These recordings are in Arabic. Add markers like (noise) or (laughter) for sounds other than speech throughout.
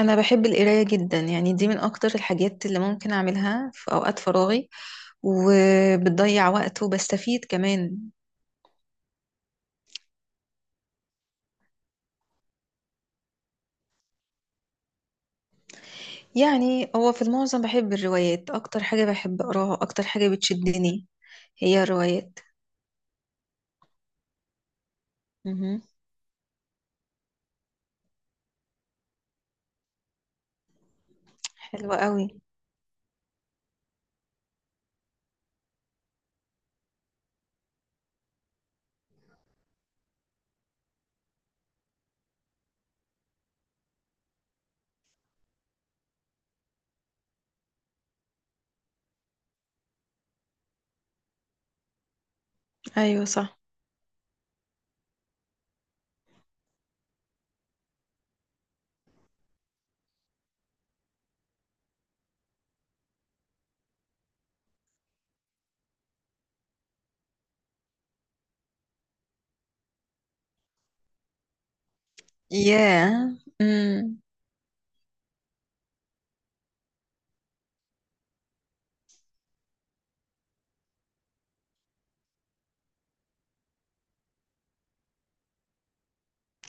انا بحب القرايه جدا، يعني دي من اكتر الحاجات اللي ممكن اعملها في اوقات فراغي، وبتضيع وقت وبستفيد كمان. يعني هو في المعظم بحب الروايات، اكتر حاجه بحب اقراها، اكتر حاجه بتشدني هي الروايات. امم، حلوه قوي. ايوه صح. ياه. امم.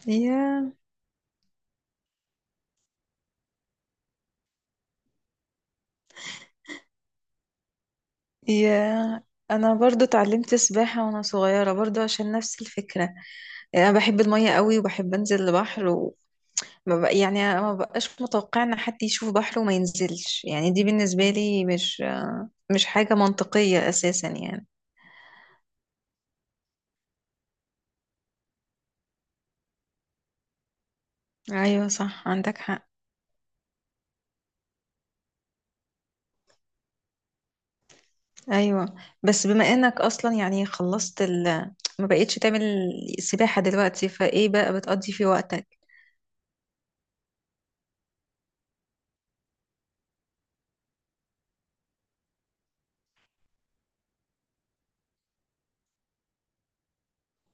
ياه. ياه. انا برضو اتعلمت سباحة وانا صغيرة، برضو عشان نفس الفكرة. انا بحب المية قوي وبحب انزل البحر. ما بق... يعني ما بقاش متوقع ان حد يشوف بحر وما ينزلش، يعني دي بالنسبة لي مش حاجة منطقية اساسا يعني. ايوه صح، عندك حق. ايوه. بس بما انك اصلا يعني خلصت ما بقيتش تعمل سباحة دلوقتي، فايه بقى بتقضي في وقتك؟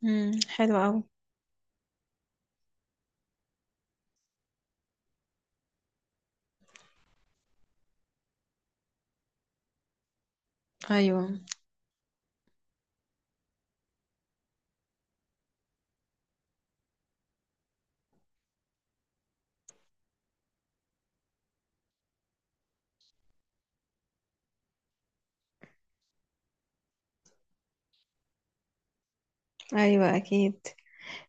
امم، حلو قوي. ايوه. ايوه اكيد.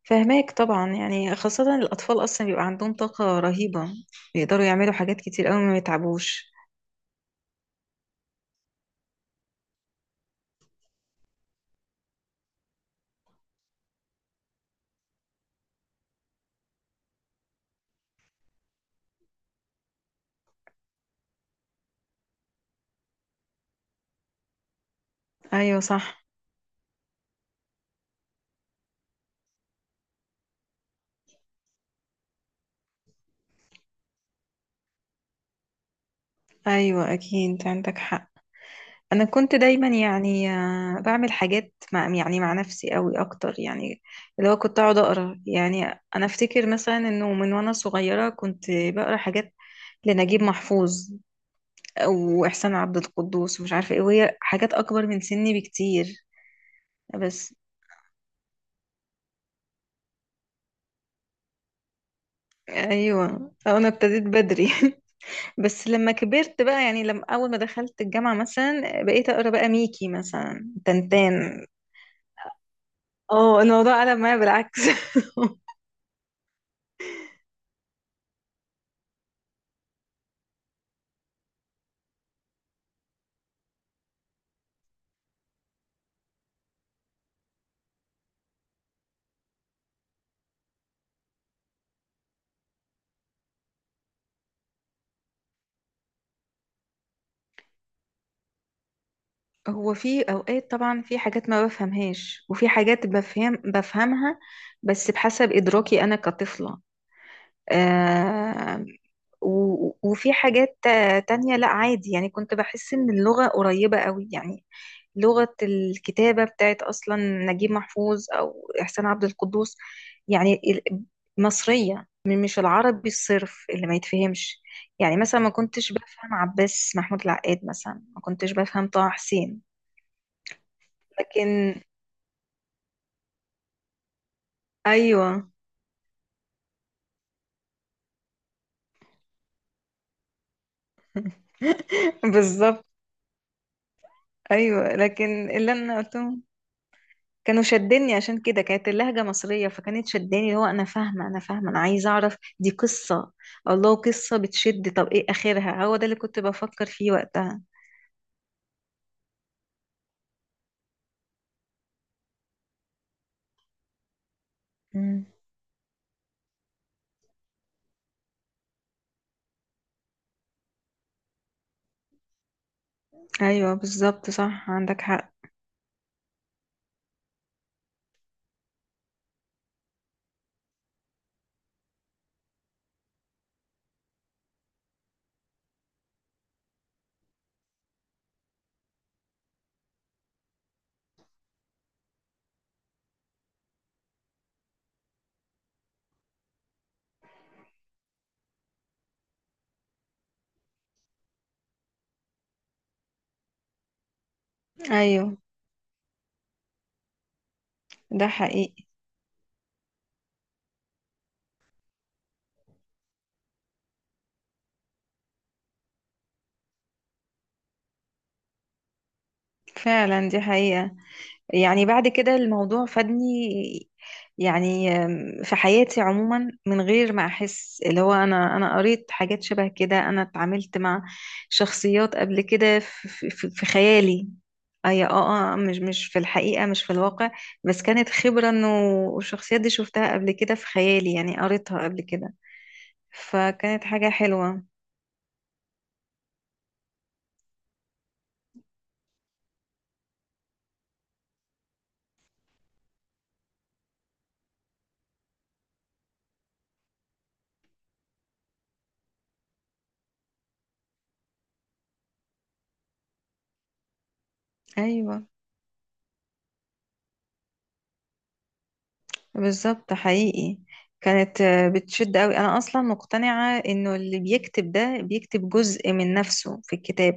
فهماك طبعا، يعني خاصة الاطفال اصلا بيبقى عندهم طاقة رهيبة، بيقدروا يعملوا حاجات كتير قوي ما يتعبوش. ايوه صح. ايوه اكيد، عندك حق. انا كنت دايما يعني بعمل حاجات مع نفسي قوي اكتر، يعني اللي هو كنت اقعد اقرا، يعني انا افتكر مثلا انه من وانا صغيره كنت بقرا حاجات لنجيب محفوظ او احسان عبد القدوس ومش عارفه ايه، وهي حاجات اكبر من سني بكتير. بس ايوه، انا ابتديت بدري (laughs) بس لما كبرت بقى، يعني لما اول ما دخلت الجامعه مثلا بقيت اقرا بقى ميكي مثلا تنتان. اه، الموضوع قلب معايا بالعكس (laughs) هو في اوقات طبعا في حاجات ما بفهمهاش، وفي حاجات بفهمها، بس بحسب ادراكي انا كطفلة. آه وفي حاجات تانية، لا عادي، يعني كنت بحس ان اللغة قريبة قوي، يعني لغة الكتابة بتاعت اصلا نجيب محفوظ او احسان عبد القدوس، يعني مصرية، مش العربي الصرف اللي ما يتفهمش. يعني مثلا ما كنتش بفهم عباس محمود العقاد، مثلا ما كنتش بفهم طه حسين. لكن ايوه (laughs) بالظبط. ايوه، لكن اللي انا قلتهم كانوا شدني، عشان كده كانت اللهجه مصريه، فكانت شداني، اللي هو انا فاهمه، انا فاهمه، انا عايزه اعرف دي قصه، الله قصه بتشد، طب ايه اخرها؟ هو ده اللي كنت بفكر فيه وقتها. مم. ايوه بالظبط، صح عندك حق. ايوه ده حقيقي. فعلا دي حقيقه. يعني بعد كده الموضوع فادني، يعني في حياتي عموما، من غير ما احس، اللي هو انا قريت حاجات شبه كده، انا اتعاملت مع شخصيات قبل كده في خيالي، اي اه اه، مش في الحقيقة، مش في الواقع، بس كانت خبرة انه الشخصيات دي شفتها قبل كده في خيالي، يعني قريتها قبل كده، فكانت حاجة حلوة. ايوه بالظبط حقيقي. كانت بتشد قوي. انا اصلا مقتنعة انه اللي بيكتب ده بيكتب جزء من نفسه في الكتاب،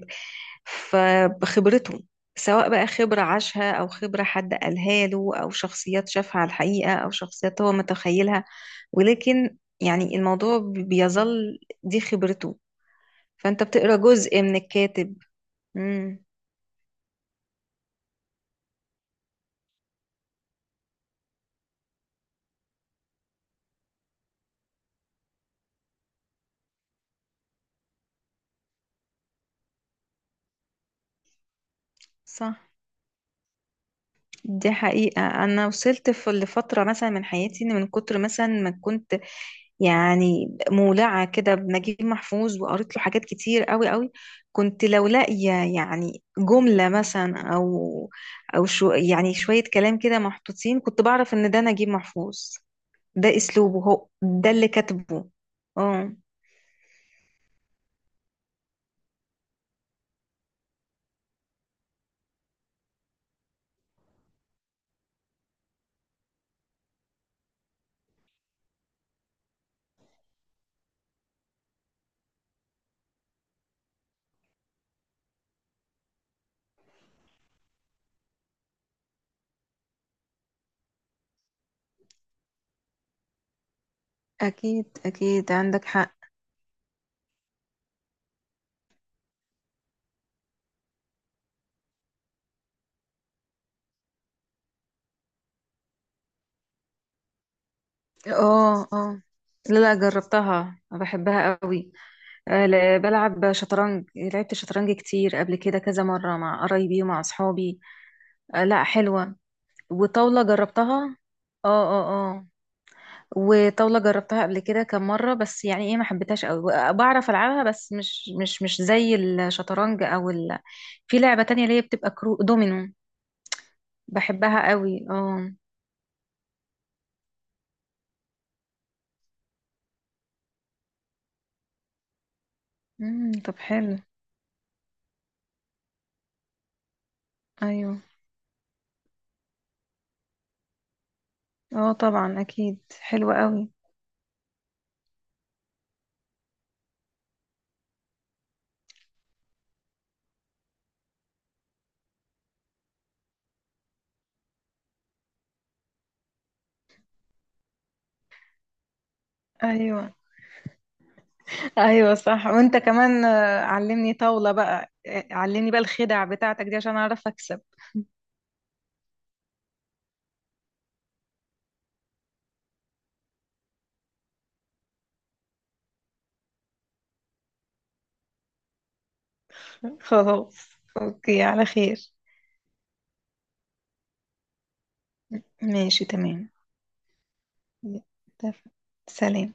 فبخبرته، سواء بقى خبرة عاشها او خبرة حد قالها له، او شخصيات شافها على الحقيقة او شخصيات هو متخيلها، ولكن يعني الموضوع بيظل دي خبرته، فانت بتقرا جزء من الكاتب. امم صح. دي حقيقة، أنا وصلت في لفترة مثلا من حياتي، إن من كتر مثلا ما كنت يعني مولعة كده بنجيب محفوظ وقريت له حاجات كتير قوي قوي، كنت لو لاقية يعني جملة مثلا أو يعني شوية كلام كده محطوطين، كنت بعرف إن ده نجيب محفوظ، ده أسلوبه، هو ده اللي كاتبه. اه، اكيد اكيد، عندك حق. اه اه، لا لا، جربتها بحبها قوي. لا، بلعب شطرنج، لعبت شطرنج كتير قبل كده كذا مرة مع قرايبي ومع أصحابي. لا حلوة، وطاولة جربتها. اه اه اه، وطاولة جربتها قبل كده كم مرة، بس يعني ايه، ما حبيتهاش قوي، بعرف العبها بس مش زي الشطرنج في لعبة تانية اللي هي بتبقى كرو دومينو، بحبها قوي اه. طب حلو. ايوه اه طبعا، اكيد حلوة قوي. ايوه. ايوه صح، وانت كمان علمني طاولة بقى، علمني بقى الخدع بتاعتك دي عشان اعرف اكسب. (laughs) خلاص. اوكي على خير. ماشي تمام. اتفق. سلام